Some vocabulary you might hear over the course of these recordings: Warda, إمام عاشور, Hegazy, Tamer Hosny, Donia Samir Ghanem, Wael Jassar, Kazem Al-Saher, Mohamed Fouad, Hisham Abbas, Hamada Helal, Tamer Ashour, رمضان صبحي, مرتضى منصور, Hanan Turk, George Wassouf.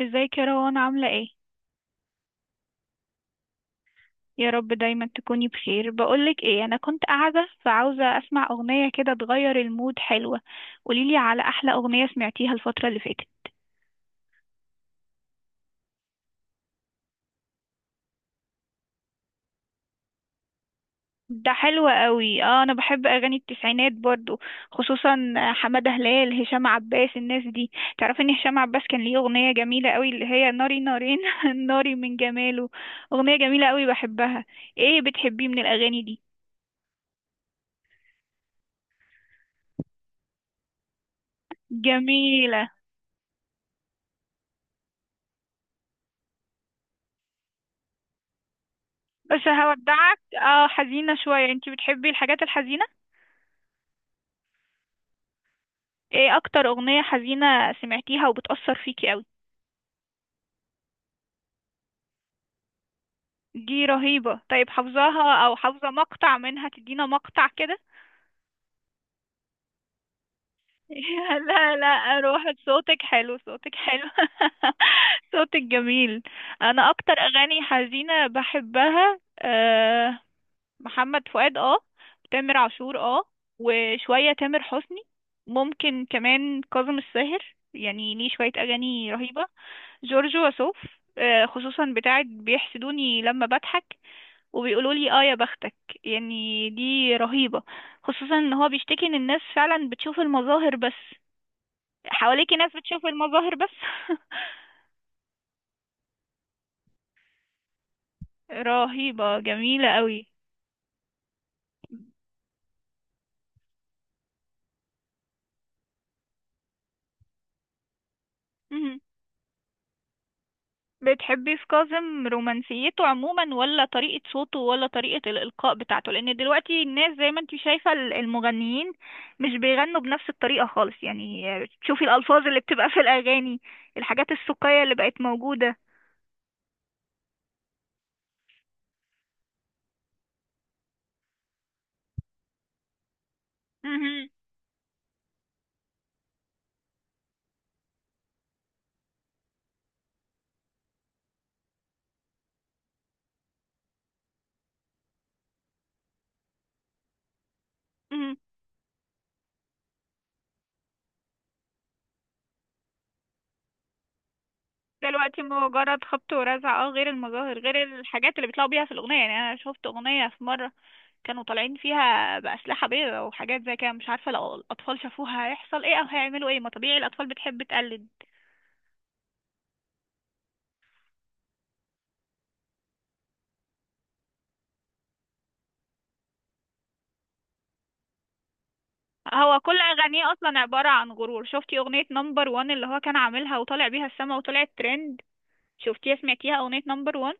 ازيك يا روان، عاملة ايه؟ يا رب دايما تكوني بخير. بقولك ايه، انا كنت قاعدة فعاوزة اسمع اغنية كده تغير المود، حلوة. قوليلي على احلى اغنية سمعتيها الفترة اللي فاتت. ده حلو قوي، اه، انا بحب اغاني التسعينات برضو. خصوصا حمادة هلال، هشام عباس، الناس دي. تعرفي ان هشام عباس كان ليه اغنية جميلة قوي اللي هي ناري نارين. ناري من جماله. اغنية جميلة قوي بحبها. ايه بتحبيه من الاغاني دي؟ جميلة. بس هودعك اه حزينة شوية. انتي بتحبي الحاجات الحزينة؟ ايه اكتر اغنية حزينة سمعتيها وبتأثر فيكي قوي؟ دي رهيبة. طيب حافظاها او حافظة مقطع منها؟ تدينا مقطع كده. لا لا روح، صوتك حلو، صوتك حلو. صوتك جميل. انا اكتر اغاني حزينة بحبها أه، محمد فؤاد اه، تامر عاشور اه، وشوية تامر حسني. ممكن كمان كاظم الساهر، يعني ليه شوية أغاني رهيبة. جورج وسوف. آه، خصوصا بتاعت بيحسدوني لما بضحك وبيقولوا لي اه يا بختك. يعني دي رهيبة. خصوصا ان هو بيشتكي ان الناس فعلا بتشوف المظاهر بس. حواليكي ناس بتشوف المظاهر بس. رهيبة جميلة قوي. بتحبي في كاظم رومانسيته عموما، ولا طريقة صوته، ولا طريقة الإلقاء بتاعته؟ لأن دلوقتي الناس زي ما انتي شايفة المغنيين مش بيغنوا بنفس الطريقة خالص، يعني. تشوفي الألفاظ اللي بتبقى في الأغاني، الحاجات السوقية اللي بقت موجودة. مهم. مهم. دلوقتي مجرد خبط ورزع، اه، غير المظاهر، غير الحاجات اللي بيطلعوا بيها في الأغنية. يعني أنا شفت أغنية في مرة كانوا طالعين فيها بأسلحة بيضاء وحاجات زي كده، مش عارفة لو الأطفال شافوها هيحصل ايه أو هيعملوا ايه. ما طبيعي الأطفال بتحب تقلد. هو كل اغانيه اصلا عباره عن غرور. شفتي اغنيه نمبر وان اللي هو كان عاملها وطالع بيها السما وطلعت ترند؟ شفتيها، سمعتيها اغنيه نمبر وان؟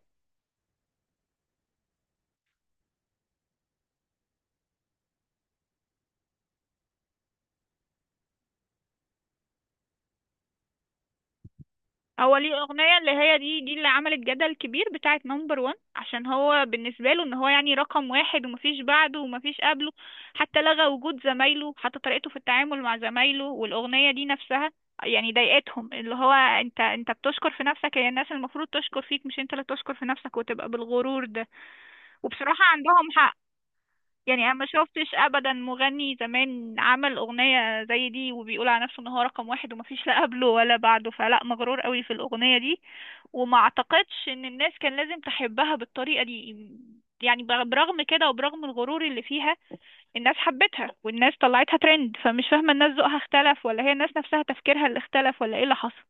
هو ليه اغنيه اللي هي دي اللي عملت جدل كبير، بتاعه نمبر وان، عشان هو بالنسبه له ان هو يعني رقم واحد ومفيش بعده ومفيش قبله. حتى لغى وجود زمايله، حتى طريقته في التعامل مع زمايله، والاغنيه دي نفسها يعني ضايقتهم، اللي هو انت بتشكر في نفسك، هي الناس المفروض تشكر فيك مش انت اللي تشكر في نفسك وتبقى بالغرور ده. وبصراحه عندهم حق. يعني انا ما شفتش ابدا مغني زمان عمل اغنيه زي دي وبيقول على نفسه ان هو رقم واحد ومفيش لا قبله ولا بعده، فلا مغرور قوي في الاغنيه دي. وما اعتقدش ان الناس كان لازم تحبها بالطريقه دي. يعني برغم كده وبرغم الغرور اللي فيها الناس حبتها، والناس طلعتها ترند، فمش فاهمه، الناس ذوقها اختلف، ولا هي الناس نفسها تفكيرها اللي اختلف، ولا ايه اللي حصل؟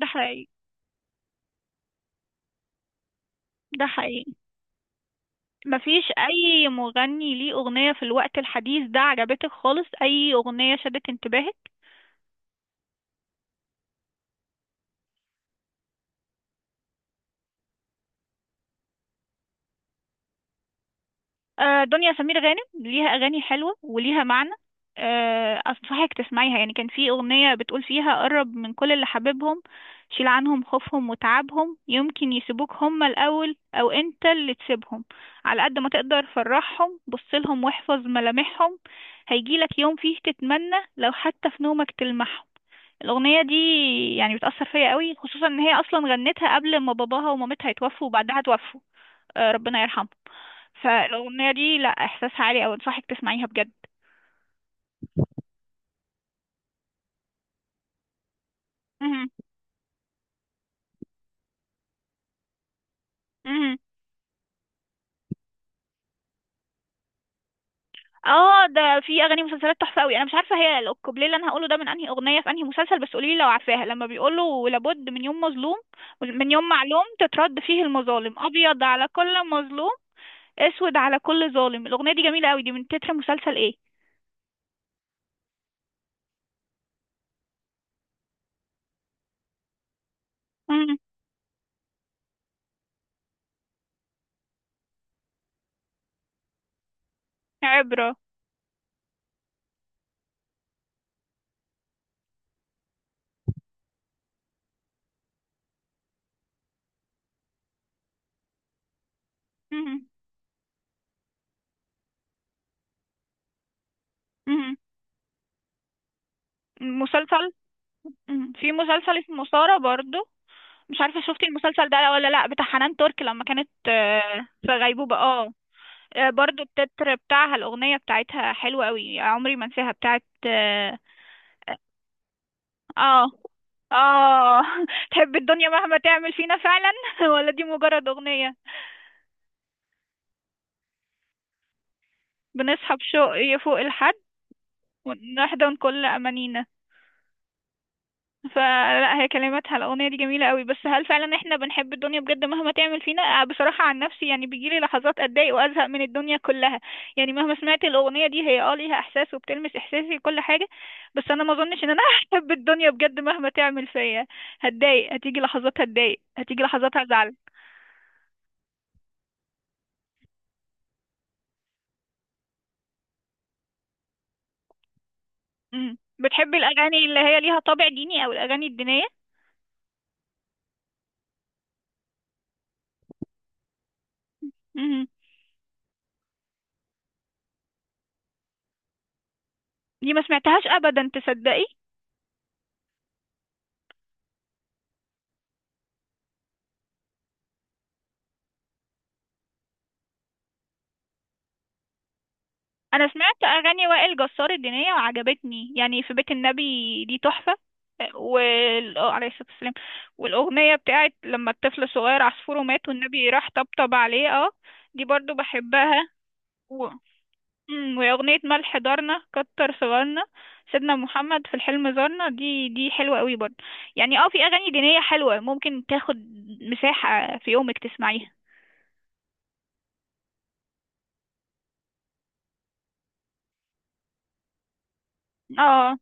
ده حقيقي. ده حقيقي. مفيش اي مغني ليه اغنيه في الوقت الحديث ده عجبتك خالص؟ اي اغنيه شدت انتباهك؟ آه، دنيا سمير غانم ليها اغاني حلوه وليها معنى. آه، انصحك تسمعيها. يعني كان في اغنيه بتقول فيها: قرب من كل اللي حبيبهم، شيل عنهم خوفهم وتعبهم، يمكن يسيبوك هما الاول او انت اللي تسيبهم، على قد ما تقدر فرحهم، بصلهم واحفظ ملامحهم، هيجيلك يوم فيه تتمنى لو حتى في نومك تلمحهم. الأغنية دي يعني بتأثر فيا قوي، خصوصا إن هي أصلا غنتها قبل ما باباها ومامتها يتوفوا وبعدها توفوا. آه، ربنا يرحمها. فالاغنيه دي لا، احساسها عالي، او انصحك تسمعيها بجد. مهم. مهم. اه ده. في اغاني مسلسلات تحفه قوي. انا مش عارفه هي الكوبليه اللي انا هقوله ده من انهي اغنيه في انهي مسلسل، بس قولي لي لو عارفاها. لما بيقولوا: لابد من يوم مظلوم، من يوم معلوم تترد فيه المظالم، ابيض على كل مظلوم، اسود على كل ظالم. الاغنيه دي جميله قوي. دي من تتر مسلسل ايه؟ مم. عبره. مهم. مهم. مسلسل. مهم. في مسلسل اسمه سارة برضو. مش عارفة شفتي المسلسل ده ولا لأ؟ بتاع حنان ترك لما كانت، آه، في غيبوبة اه. آه، برضو التتر بتاعها، الأغنية بتاعتها حلوة قوي، عمري ما انساها، بتاعت اه. اه. آه. تحب الدنيا مهما تعمل فينا فعلا ولا دي مجرد أغنية؟ بنصحى بشوق فوق الحد، ونحضن كل أمانينا. فلا، هي كلماتها الأغنية دي جميلة قوي، بس هل فعلا احنا بنحب الدنيا بجد مهما تعمل فينا؟ آه، بصراحة عن نفسي يعني بيجيلي لحظات أتضايق وأزهق من الدنيا كلها. يعني مهما سمعت الأغنية دي، هي اه ليها إحساس وبتلمس إحساسي وكل حاجة. بس أنا ما أظنش إن أنا هحب الدنيا بجد مهما تعمل فيا. هتضايق، هتيجي لحظات هتضايق، هتيجي لحظات هزعل. مم. بتحبي الأغاني اللي هي ليها طابع ديني، أو الأغاني الدينية؟ مم. دي ما سمعتهاش أبدا، تصدقي؟ انا سمعت اغاني وائل جسار الدينيه وعجبتني، يعني في بيت النبي، دي تحفه. آه، عليه الصلاة والسلام. والأغنية بتاعت لما الطفل صغير عصفوره مات والنبي راح طبطب عليه، اه. دي برضو بحبها. و... مم، وأغنية ملح دارنا كتر صغارنا، سيدنا محمد في الحلم زارنا، دي حلوة قوي برضو. يعني اه في أغاني دينية حلوة ممكن تاخد مساحة في يومك تسمعيها. اه،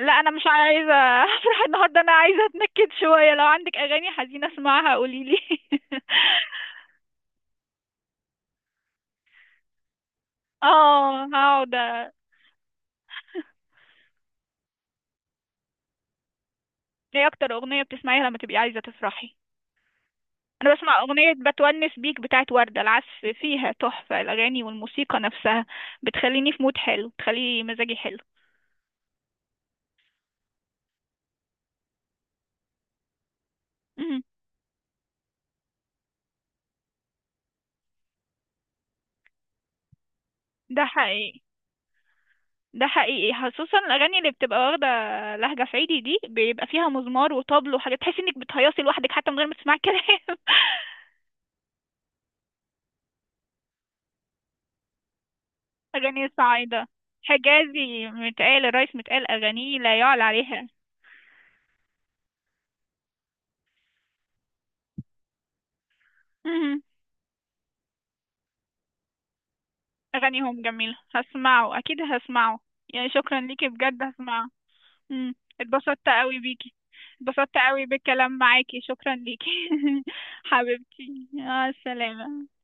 لا انا مش عايزه افرح النهارده. انا عايزه اتنكد شويه، لو عندك اغاني حزينه اسمعها قوليلي. اه هقعد. ايه اكتر اغنية بتسمعيها لما تبقي عايزة تفرحي؟ انا بسمع اغنية بتونس بيك بتاعت وردة، العزف فيها تحفة، الاغاني والموسيقى نفسها بتخليني في مود حلو، بتخلي مزاجي حلو. مم. ده حقيقي. ده حقيقي، خصوصا الاغاني اللي بتبقى واخدة لهجة صعيدي دي بيبقى فيها مزمار وطبل وحاجات تحسي انك بتهيصي لوحدك حتى من غير ما تسمعي كلام. اغاني صعيدة. حجازي متقال، الرئيس متقال، اغانيه لا يعلى عليها. أغانيهم جميلة، هسمعه أكيد هسمعه. يعني شكرا ليكي بجد، هسمعه. مم. اتبسطت قوي بيكي، اتبسطت قوي بالكلام معاكي، شكرا ليكي حبيبتي مع السلامة.